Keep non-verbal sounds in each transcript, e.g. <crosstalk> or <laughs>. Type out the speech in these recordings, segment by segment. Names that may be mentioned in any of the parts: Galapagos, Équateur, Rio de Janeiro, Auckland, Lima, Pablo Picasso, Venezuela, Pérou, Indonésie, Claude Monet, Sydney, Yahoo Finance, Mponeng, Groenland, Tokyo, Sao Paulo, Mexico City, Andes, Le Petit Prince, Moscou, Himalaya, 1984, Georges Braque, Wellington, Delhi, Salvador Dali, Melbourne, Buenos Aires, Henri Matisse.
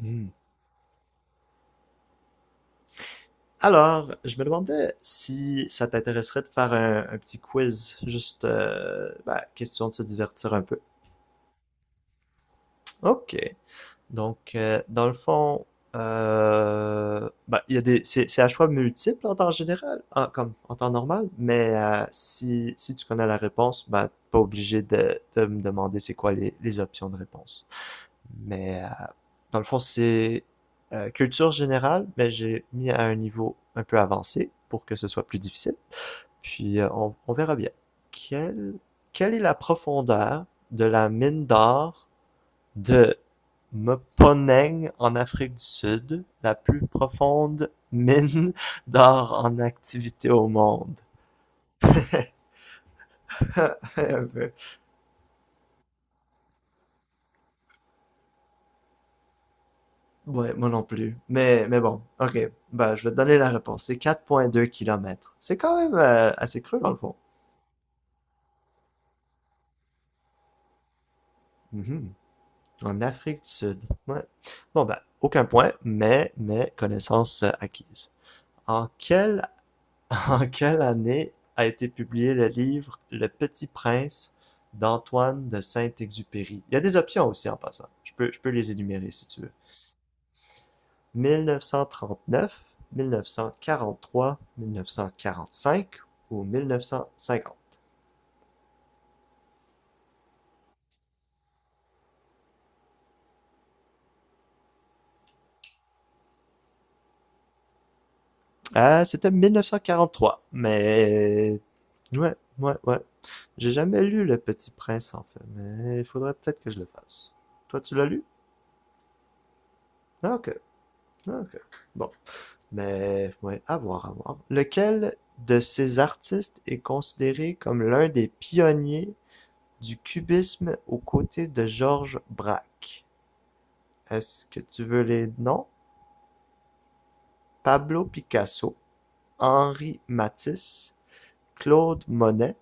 Hmm. Alors, je me demandais si ça t'intéresserait de faire un petit quiz, juste question de se divertir un peu. Ok. Donc, dans le fond, il y a c'est à choix multiple en temps général, comme en temps normal, mais si tu connais la réponse, t'es pas obligé de me demander c'est quoi les options de réponse. Mais dans le fond, c'est culture générale, mais j'ai mis à un niveau un peu avancé pour que ce soit plus difficile. Puis on verra bien. Quelle, quelle est la profondeur de la mine d'or de Mponeng en Afrique du Sud, la plus profonde mine d'or en activité au monde? <laughs> Ouais, moi non plus. Mais bon, ok. Bah, je vais te donner la réponse. C'est 4,2 kilomètres. C'est quand même assez creux, dans le fond. Mhm. En Afrique du Sud. Ouais. Bon, ben, aucun point, mais connaissance acquise. En quelle, <laughs> en quelle année a été publié le livre Le Petit Prince d'Antoine de Saint-Exupéry? Il y a des options aussi en passant. Je peux les énumérer si tu veux. 1939, 1943, 1945 ou 1950. Ah, c'était 1943, mais... Ouais, ouais, ouais. J'ai jamais lu Le Petit Prince, en fait, mais il faudrait peut-être que je le fasse. Toi, tu l'as lu? Ah, ok, ah, ok. Bon, mais... Ouais, à voir, à voir. Lequel de ces artistes est considéré comme l'un des pionniers du cubisme aux côtés de Georges Braque? Est-ce que tu veux les noms? Pablo Picasso, Henri Matisse, Claude Monet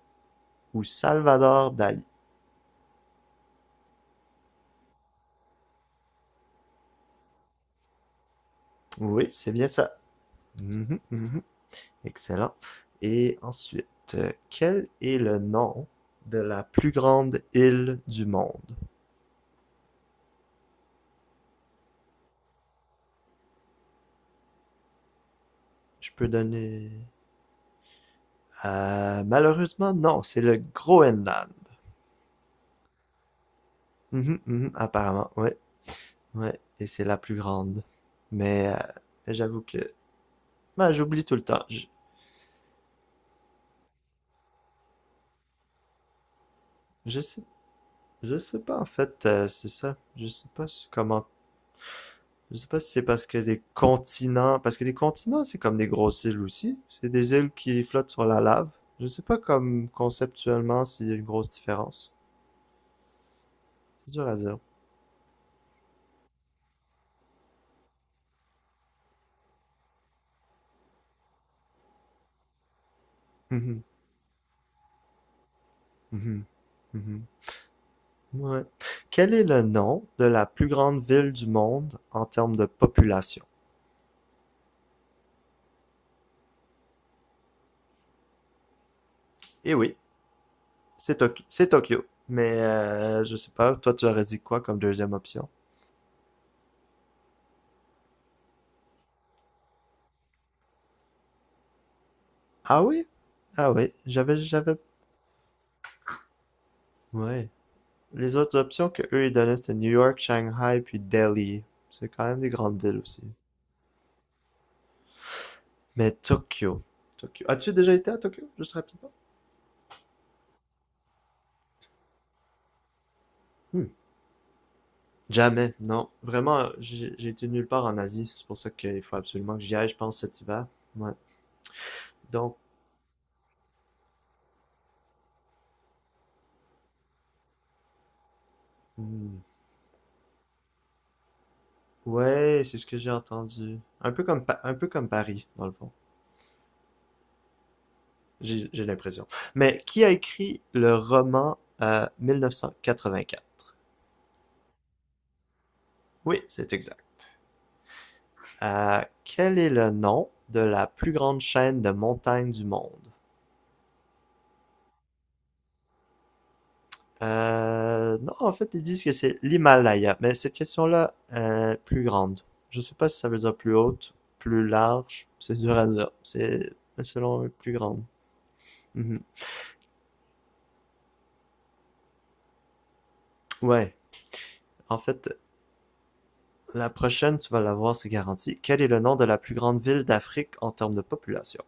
ou Salvador Dali? Oui, c'est bien ça. Mhm, mhm. Excellent. Et ensuite, quel est le nom de la plus grande île du monde? Je peux donner... malheureusement, non, c'est le Groenland. Mhm, mhm, apparemment, ouais, ouais. Et c'est la plus grande. Mais j'avoue que... ben, j'oublie tout le temps. Je sais. Je sais pas en fait, c'est ça. Je sais pas comment. Je sais pas si c'est parce que les continents, parce que les continents c'est comme des grosses îles aussi. C'est des îles qui flottent sur la lave. Je sais pas comme conceptuellement s'il y a une grosse différence. C'est dur à dire. Mhm, mhm, mhm. Ouais. Quel est le nom de la plus grande ville du monde en termes de population? Eh oui, c'est Tokyo. Mais je sais pas, toi tu aurais dit quoi comme deuxième option? Ah oui? Ah oui, j'avais. Ouais. Les autres options que eux ils donnaient c'était New York, Shanghai puis Delhi. C'est quand même des grandes villes aussi. Mais Tokyo. Tokyo. As-tu déjà été à Tokyo? Juste rapidement. Hmm. Jamais, non. Vraiment, j'ai été nulle part en Asie. C'est pour ça qu'il faut absolument que j'y aille, je pense, cet hiver. Ouais. Donc, hmm, ouais, c'est ce que j'ai entendu. Un peu comme Paris, dans le fond. J'ai l'impression. Mais qui a écrit le roman 1984? Oui, c'est exact. Quel est le nom de la plus grande chaîne de montagnes du monde? Non, en fait, ils disent que c'est l'Himalaya, mais cette question-là, plus grande. Je sais pas si ça veut dire plus haute, plus large, c'est dur à dire. C'est selon plus grande. Mhm. Ouais, en fait, la prochaine, tu vas la voir, c'est garanti. Quel est le nom de la plus grande ville d'Afrique en termes de population?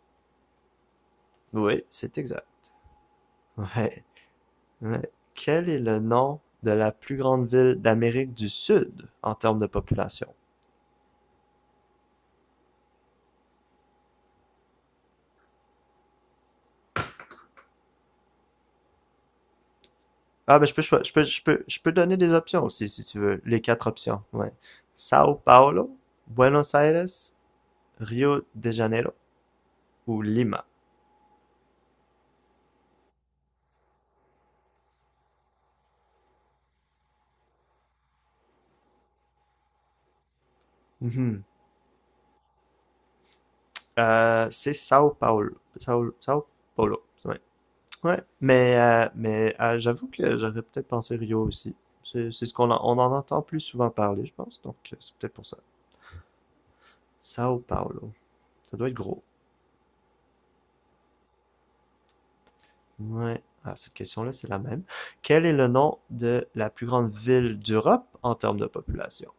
Oui, c'est exact. Ouais. Euh, quel est le nom de la plus grande ville d'Amérique du Sud en termes de population? Ah, ben je peux, choi- je peux, je peux, je peux donner des options aussi, si tu veux. Les quatre options, ouais. Sao Paulo, Buenos Aires, Rio de Janeiro ou Lima. Mhm. C'est Sao Paulo. Sao Paulo, c'est vrai. Ouais, mais j'avoue que j'aurais peut-être pensé Rio aussi. C'est ce qu'on en, on en entend plus souvent parler, je pense, donc c'est peut-être pour ça. Sao Paulo, ça doit être gros. Ouais. Ah, cette question-là, c'est la même. Quel est le nom de la plus grande ville d'Europe en termes de population?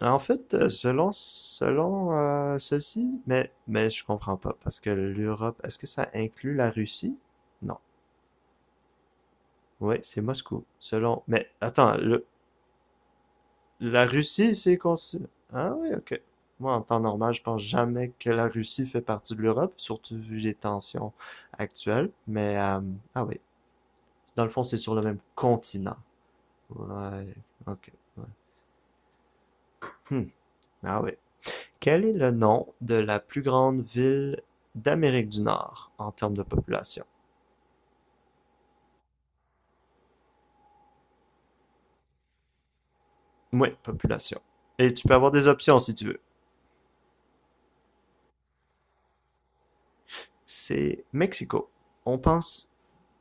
En fait, selon ceci, mais je comprends pas parce que l'Europe, est-ce que ça inclut la Russie? Non. Oui, c'est Moscou. Selon. Mais attends, le- la Russie, c'est consi- Ah oui, ok. Moi, en temps normal, je pense jamais que la Russie fait partie de l'Europe, surtout vu les tensions actuelles. Mais ah oui, dans le fond, c'est sur le même continent. Ouais, ok, ouais. Hmm. Ah oui. Quel est le nom de la plus grande ville d'Amérique du Nord en termes de population? Oui, population. Et tu peux avoir des options si tu veux. C'est Mexico. On pense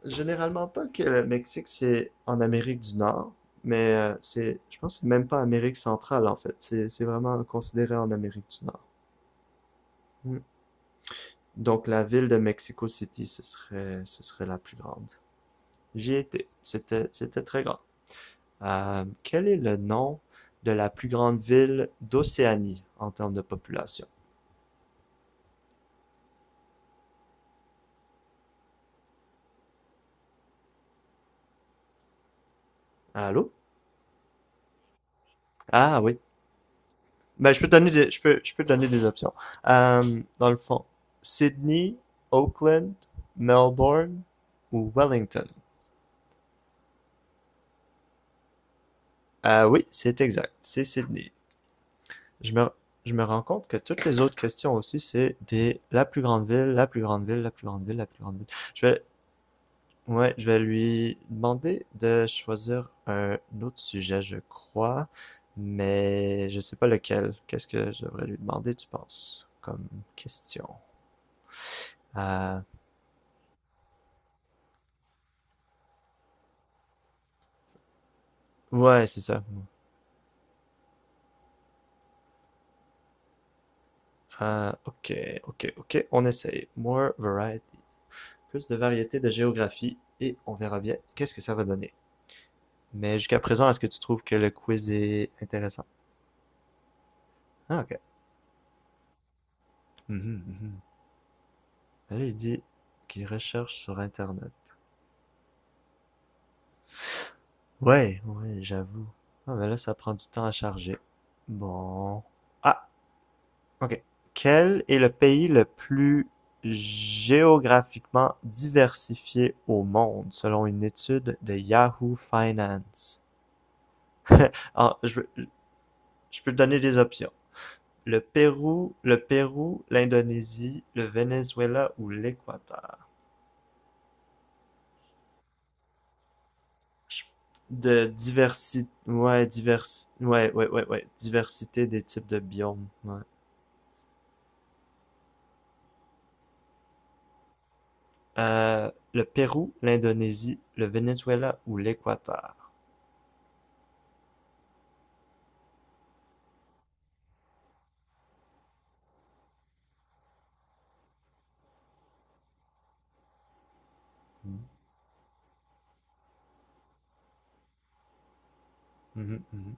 généralement pas que le Mexique c'est en Amérique du Nord, mais je pense que c'est même pas Amérique centrale en fait. C'est vraiment considéré en Amérique du Nord. Hmm. Donc la ville de Mexico City, ce serait la plus grande. J'y étais. C'était très grand. Quel est le nom de la plus grande ville d'Océanie en termes de population? Allô? Ah oui. Ben, je peux te donner des options. Dans le fond, Sydney, Auckland, Melbourne ou Wellington? Ah oui, c'est exact. C'est Sydney. Je me, je me rends compte que toutes les autres questions aussi, c'est des la plus grande ville, la plus grande ville, la plus grande ville, la plus grande ville. Je vais, Ouais, je vais lui demander de choisir un autre sujet, je crois, mais je sais pas lequel. Qu'est-ce que je devrais lui demander, tu penses, comme question? Euh, ouais, c'est ça. Ok, ok, on essaye. More variety. Plus de variété de géographie et on verra bien qu'est-ce que ça va donner. Mais jusqu'à présent, est-ce que tu trouves que le quiz est intéressant? Ah, ok. Mhm, mhm. Là, il dit qu'il recherche sur Internet. Ouais, ouais, j'avoue. Ah, mais là, ça prend du temps à charger. Bon. Ah, ok. Quel est le pays le plus géographiquement diversifié au monde, selon une étude de Yahoo Finance? Ah, je peux te donner des options. Le Pérou, l'Indonésie, le Venezuela ou l'Équateur. Je- De diversité, ouais, ouais, ouais, ouais, ouais, diversité des types de biomes, ouais. Le Pérou, l'Indonésie, le Venezuela ou l'Équateur. Mhm, mhm.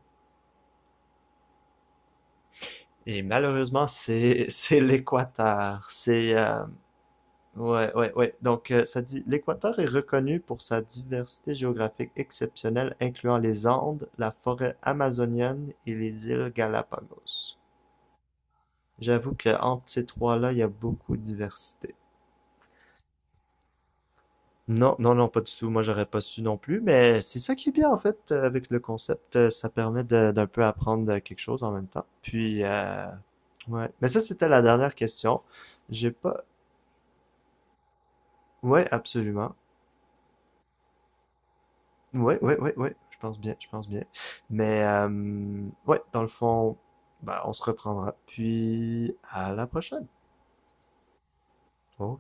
Et malheureusement, c'est <laughs> c'est l'Équateur. C'est ouais ouais ouais. Donc ça dit l'Équateur est reconnu pour sa diversité géographique exceptionnelle, incluant les Andes, la forêt amazonienne et les îles Galapagos. J'avoue que entre ces trois-là, il y a beaucoup de diversité. Non, non, non, pas du tout. Moi, j'aurais pas su non plus, mais c'est ça qui est bien en fait avec le concept. Ça permet d'un peu apprendre quelque chose en même temps. Puis, ouais. Mais ça, c'était la dernière question. J'ai pas. Ouais, absolument. Ouais, ouais, ouais, ouais. Je pense bien, je pense bien. Mais, ouais, dans le fond, bah, on se reprendra. Puis, à la prochaine. Au